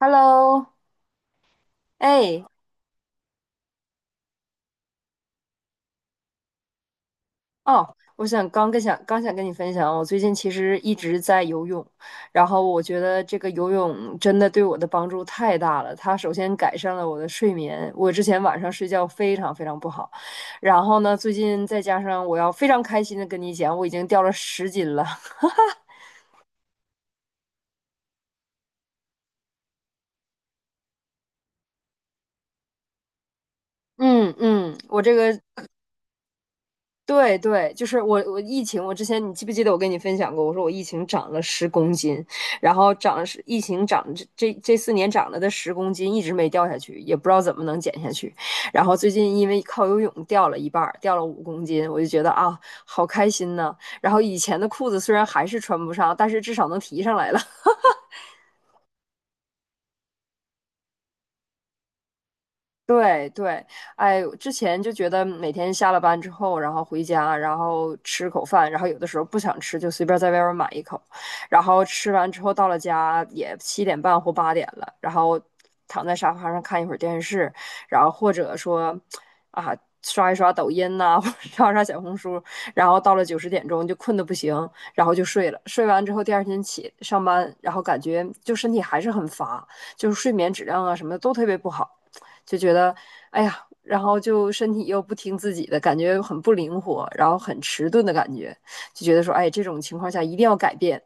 Hello，哎，哦，我想刚跟想刚想跟你分享，我最近其实一直在游泳，然后我觉得这个游泳真的对我的帮助太大了。它首先改善了我的睡眠，我之前晚上睡觉非常非常不好，然后呢，最近再加上我要非常开心的跟你讲，我已经掉了10斤了。嗯嗯，我这个对对，就是我疫情，我之前你记不记得我跟你分享过？我说我疫情涨了十公斤，然后长了十，疫情涨这4年涨了的十公斤一直没掉下去，也不知道怎么能减下去。然后最近因为靠游泳掉了一半儿，掉了5公斤，我就觉得啊，好开心呐。然后以前的裤子虽然还是穿不上，但是至少能提上来了。对对，哎，之前就觉得每天下了班之后，然后回家，然后吃口饭，然后有的时候不想吃，就随便在外边买一口，然后吃完之后到了家也七点半或八点了，然后躺在沙发上看一会儿电视，然后或者说啊刷一刷抖音呐、或者刷刷小红书，然后到了九十点钟就困得不行，然后就睡了。睡完之后第二天起上班，然后感觉就身体还是很乏，就是睡眠质量啊什么的都特别不好。就觉得哎呀，然后就身体又不听自己的，感觉很不灵活，然后很迟钝的感觉，就觉得说，哎，这种情况下一定要改变。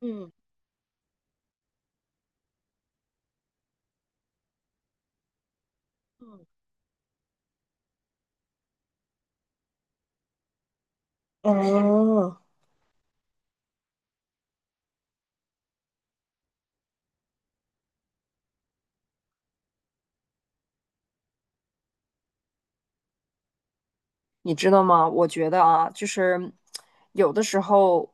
嗯嗯，哦，你知道吗？我觉得啊，就是有的时候，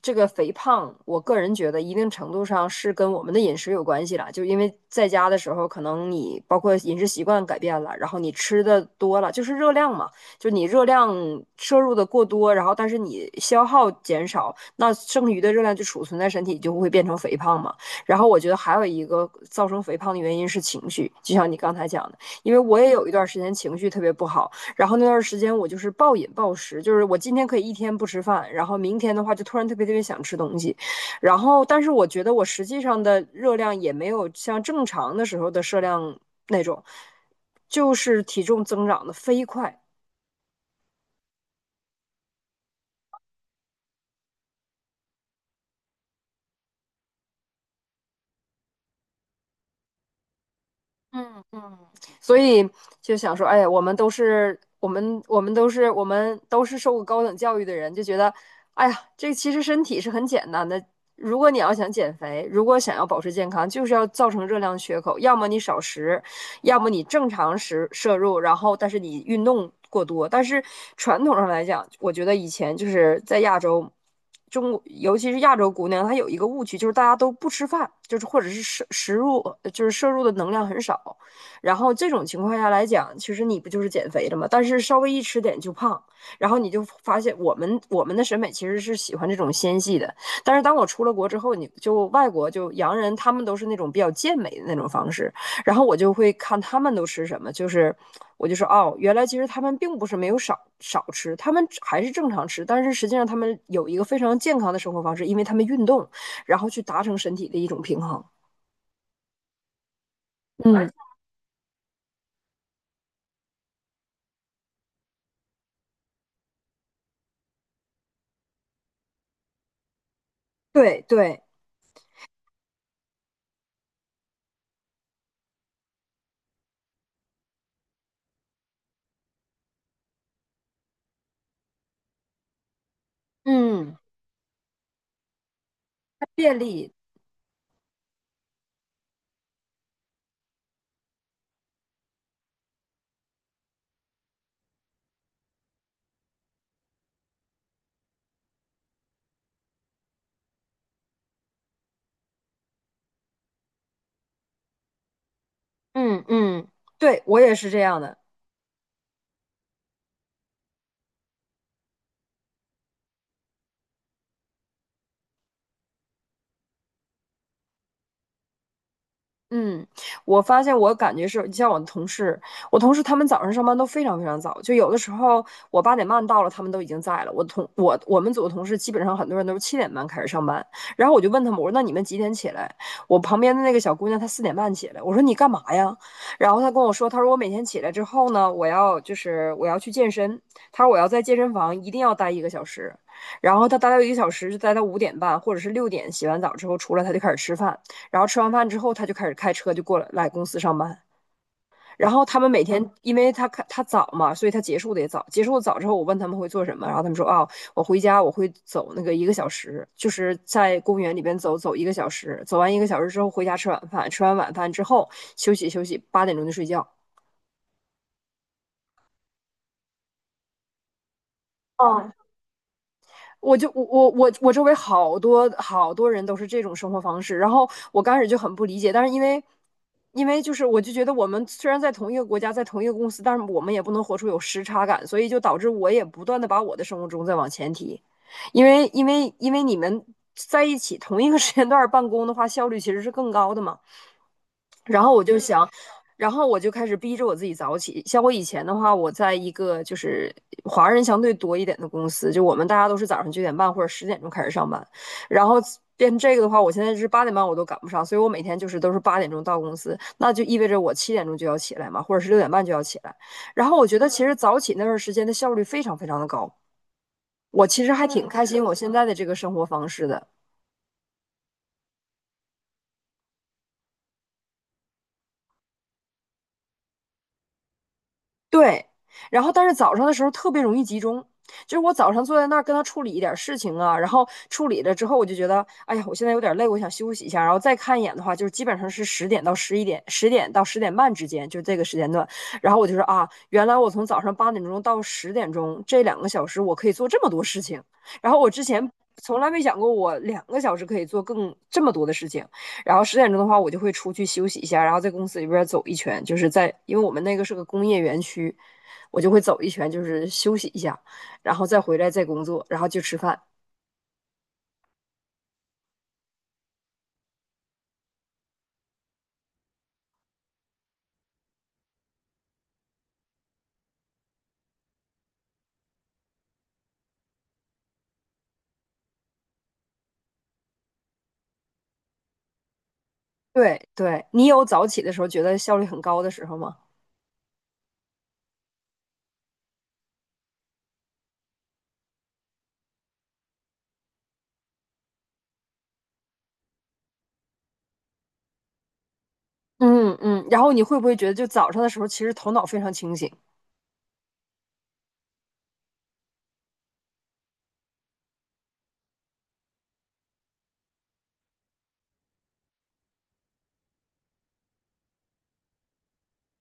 这个肥胖，我个人觉得一定程度上是跟我们的饮食有关系了。就因为在家的时候，可能你包括饮食习惯改变了，然后你吃的多了，就是热量嘛，就你热量摄入的过多，然后但是你消耗减少，那剩余的热量就储存在身体，就会变成肥胖嘛。然后我觉得还有一个造成肥胖的原因是情绪，就像你刚才讲的，因为我也有一段时间情绪特别不好。然后那段时间我就是暴饮暴食，就是我今天可以一天不吃饭，然后明天的话就突然特别特别想吃东西，然后但是我觉得我实际上的热量也没有像正常的时候的摄量那种，就是体重增长的飞快。嗯嗯，所以就想说，哎，呀，我们都是受过高等教育的人，就觉得，哎呀，这其实身体是很简单的。如果你要想减肥，如果想要保持健康，就是要造成热量缺口，要么你少食，要么你正常食摄入，然后但是你运动过多。但是传统上来讲，我觉得以前就是在亚洲。中国，尤其是亚洲姑娘，她有一个误区，就是大家都不吃饭，就是或者是摄食入，就是摄入的能量很少。然后这种情况下来讲，其实你不就是减肥了吗？但是稍微一吃点就胖，然后你就发现我们的审美其实是喜欢这种纤细的。但是当我出了国之后，你就外国就洋人，他们都是那种比较健美的那种方式，然后我就会看他们都吃什么，就是我就说哦，原来其实他们并不是没有少吃，他们还是正常吃，但是实际上他们有一个非常健康的生活方式，因为他们运动，然后去达成身体的一种平衡。嗯，对对，嗯，便利，嗯嗯，对我也是这样的。嗯，我发现我感觉是，你像我的同事，我同事他们早上上班都非常非常早，就有的时候我八点半到了，他们都已经在了。我们组的同事基本上很多人都是七点半开始上班，然后我就问他们，我说那你们几点起来？我旁边的那个小姑娘她4点半起来，我说你干嘛呀？然后她跟我说，她说我每天起来之后呢，我要去健身，她说我要在健身房一定要待一个小时，然后她待到一个小时就待到5点半或者是六点，洗完澡之后出来她就开始吃饭。然后吃完饭之后，他就开始开车就过来公司上班。然后他们每天，因为他他早嘛，所以他结束的也早。结束的早之后，我问他们会做什么，然后他们说啊、哦我回家我会走那个一个小时，就是在公园里边走走一个小时，走完一个小时之后回家吃晚饭，吃完晚饭之后休息休息，八点钟就睡觉。哦，我就我我我我周围好多好多人都是这种生活方式，然后我刚开始就很不理解，但是因为就是我就觉得我们虽然在同一个国家，在同一个公司，但是我们也不能活出有时差感，所以就导致我也不断的把我的生物钟在往前提，因为你们在一起同一个时间段办公的话，效率其实是更高的嘛。然后我就想，然后我就开始逼着我自己早起。像我以前的话，我在一个就是华人相对多一点的公司，就我们大家都是早上9点半或者十点钟开始上班，然后。变成这个的话，我现在是八点半我都赶不上，所以我每天就是都是八点钟到公司，那就意味着我7点钟就要起来嘛，或者是6点半就要起来。然后我觉得其实早起那段时间的效率非常非常的高，我其实还挺开心我现在的这个生活方式的。对，然后但是早上的时候特别容易集中，就是我早上坐在那儿跟他处理一点事情啊，然后处理了之后，我就觉得，哎呀，我现在有点累，我想休息一下，然后再看一眼的话，就是基本上是十点到十一点，十点到10点半之间，就这个时间段。然后我就说啊，原来我从早上八点钟到十点钟这两个小时，我可以做这么多事情，然后我之前从来没想过我两个小时可以做更这么多的事情。然后十点钟的话，我就会出去休息一下，然后在公司里边走一圈，就是在因为我们那个是个工业园区，我就会走一圈，就是休息一下，然后再回来再工作，然后就吃饭。对对，你有早起的时候觉得效率很高的时候吗？嗯嗯，然后你会不会觉得就早上的时候其实头脑非常清醒？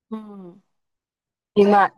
嗯，明白。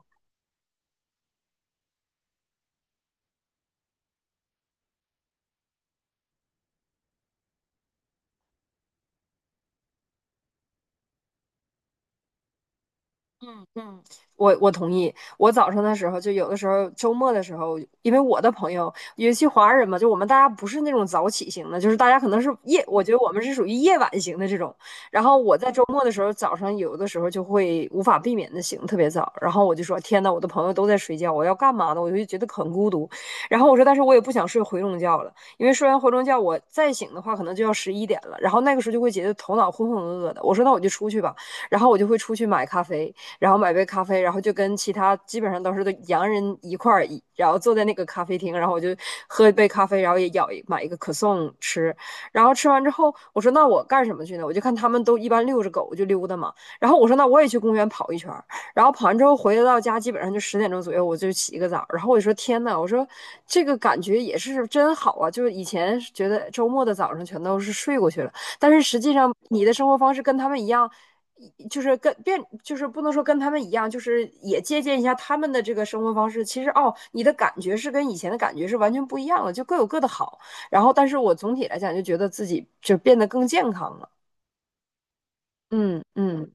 嗯嗯，我同意。我早上的时候，就有的时候周末的时候，因为我的朋友，尤其华人嘛，就我们大家不是那种早起型的，就是大家可能是夜，我觉得我们是属于夜晚型的这种。然后我在周末的时候，早上有的时候就会无法避免的醒特别早，然后我就说：“天呐，我的朋友都在睡觉，我要干嘛呢？”我就觉得很孤独。然后我说：“但是我也不想睡回笼觉了，因为睡完回笼觉，我再醒的话，可能就要十一点了。然后那个时候就会觉得头脑浑浑噩噩的。我说那我就出去吧。”然后我就会出去买咖啡，然后买杯咖啡，然后就跟其他基本上都是都洋人一块儿，然后坐在那个咖啡厅，然后我就喝一杯咖啡，然后也买一个可颂吃，然后吃完之后，我说那我干什么去呢？我就看他们都一般遛着狗我就溜达嘛，然后我说那我也去公园跑一圈然后跑完之后回到家基本上就十点钟左右我就起一个澡，然后我就说天呐，我说这个感觉也是真好啊，就是以前觉得周末的早上全都是睡过去了，但是实际上你的生活方式跟他们一样，就是跟变，就是不能说跟他们一样，就是也借鉴一下他们的这个生活方式。其实哦，你的感觉是跟以前的感觉是完全不一样了，就各有各的好。然后，但是我总体来讲就觉得自己就变得更健康了。嗯嗯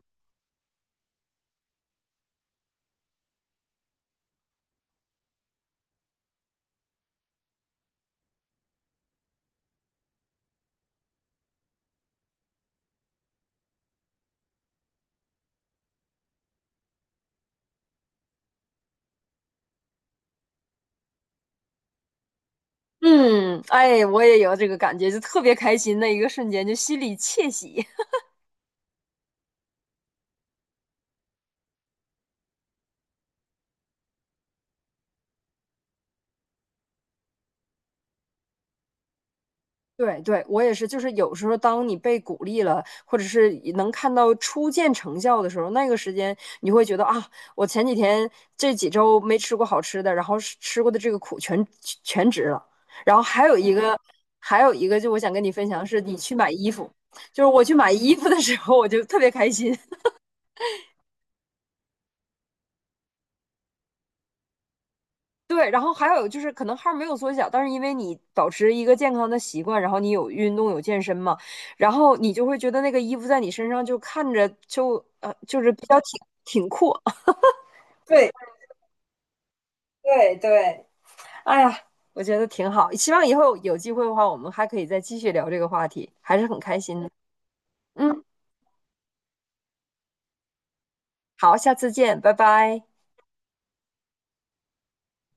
嗯，哎，我也有这个感觉，就特别开心的一个瞬间，就心里窃喜。对对，我也是，就是有时候当你被鼓励了，或者是能看到初见成效的时候，那个时间你会觉得啊，我前几天这几周没吃过好吃的，然后是吃过的这个苦全值了。然后还有一个，就我想跟你分享是，你去买衣服，就是我去买衣服的时候，我就特别开心，对，然后还有就是，可能号儿没有缩小，但是因为你保持一个健康的习惯，然后你有运动有健身嘛，然后你就会觉得那个衣服在你身上就看着就就是比较挺阔，对对对，哎呀，我觉得挺好。希望以后有机会的话，我们还可以再继续聊这个话题，还是很开心的。嗯，好，下次见，拜拜。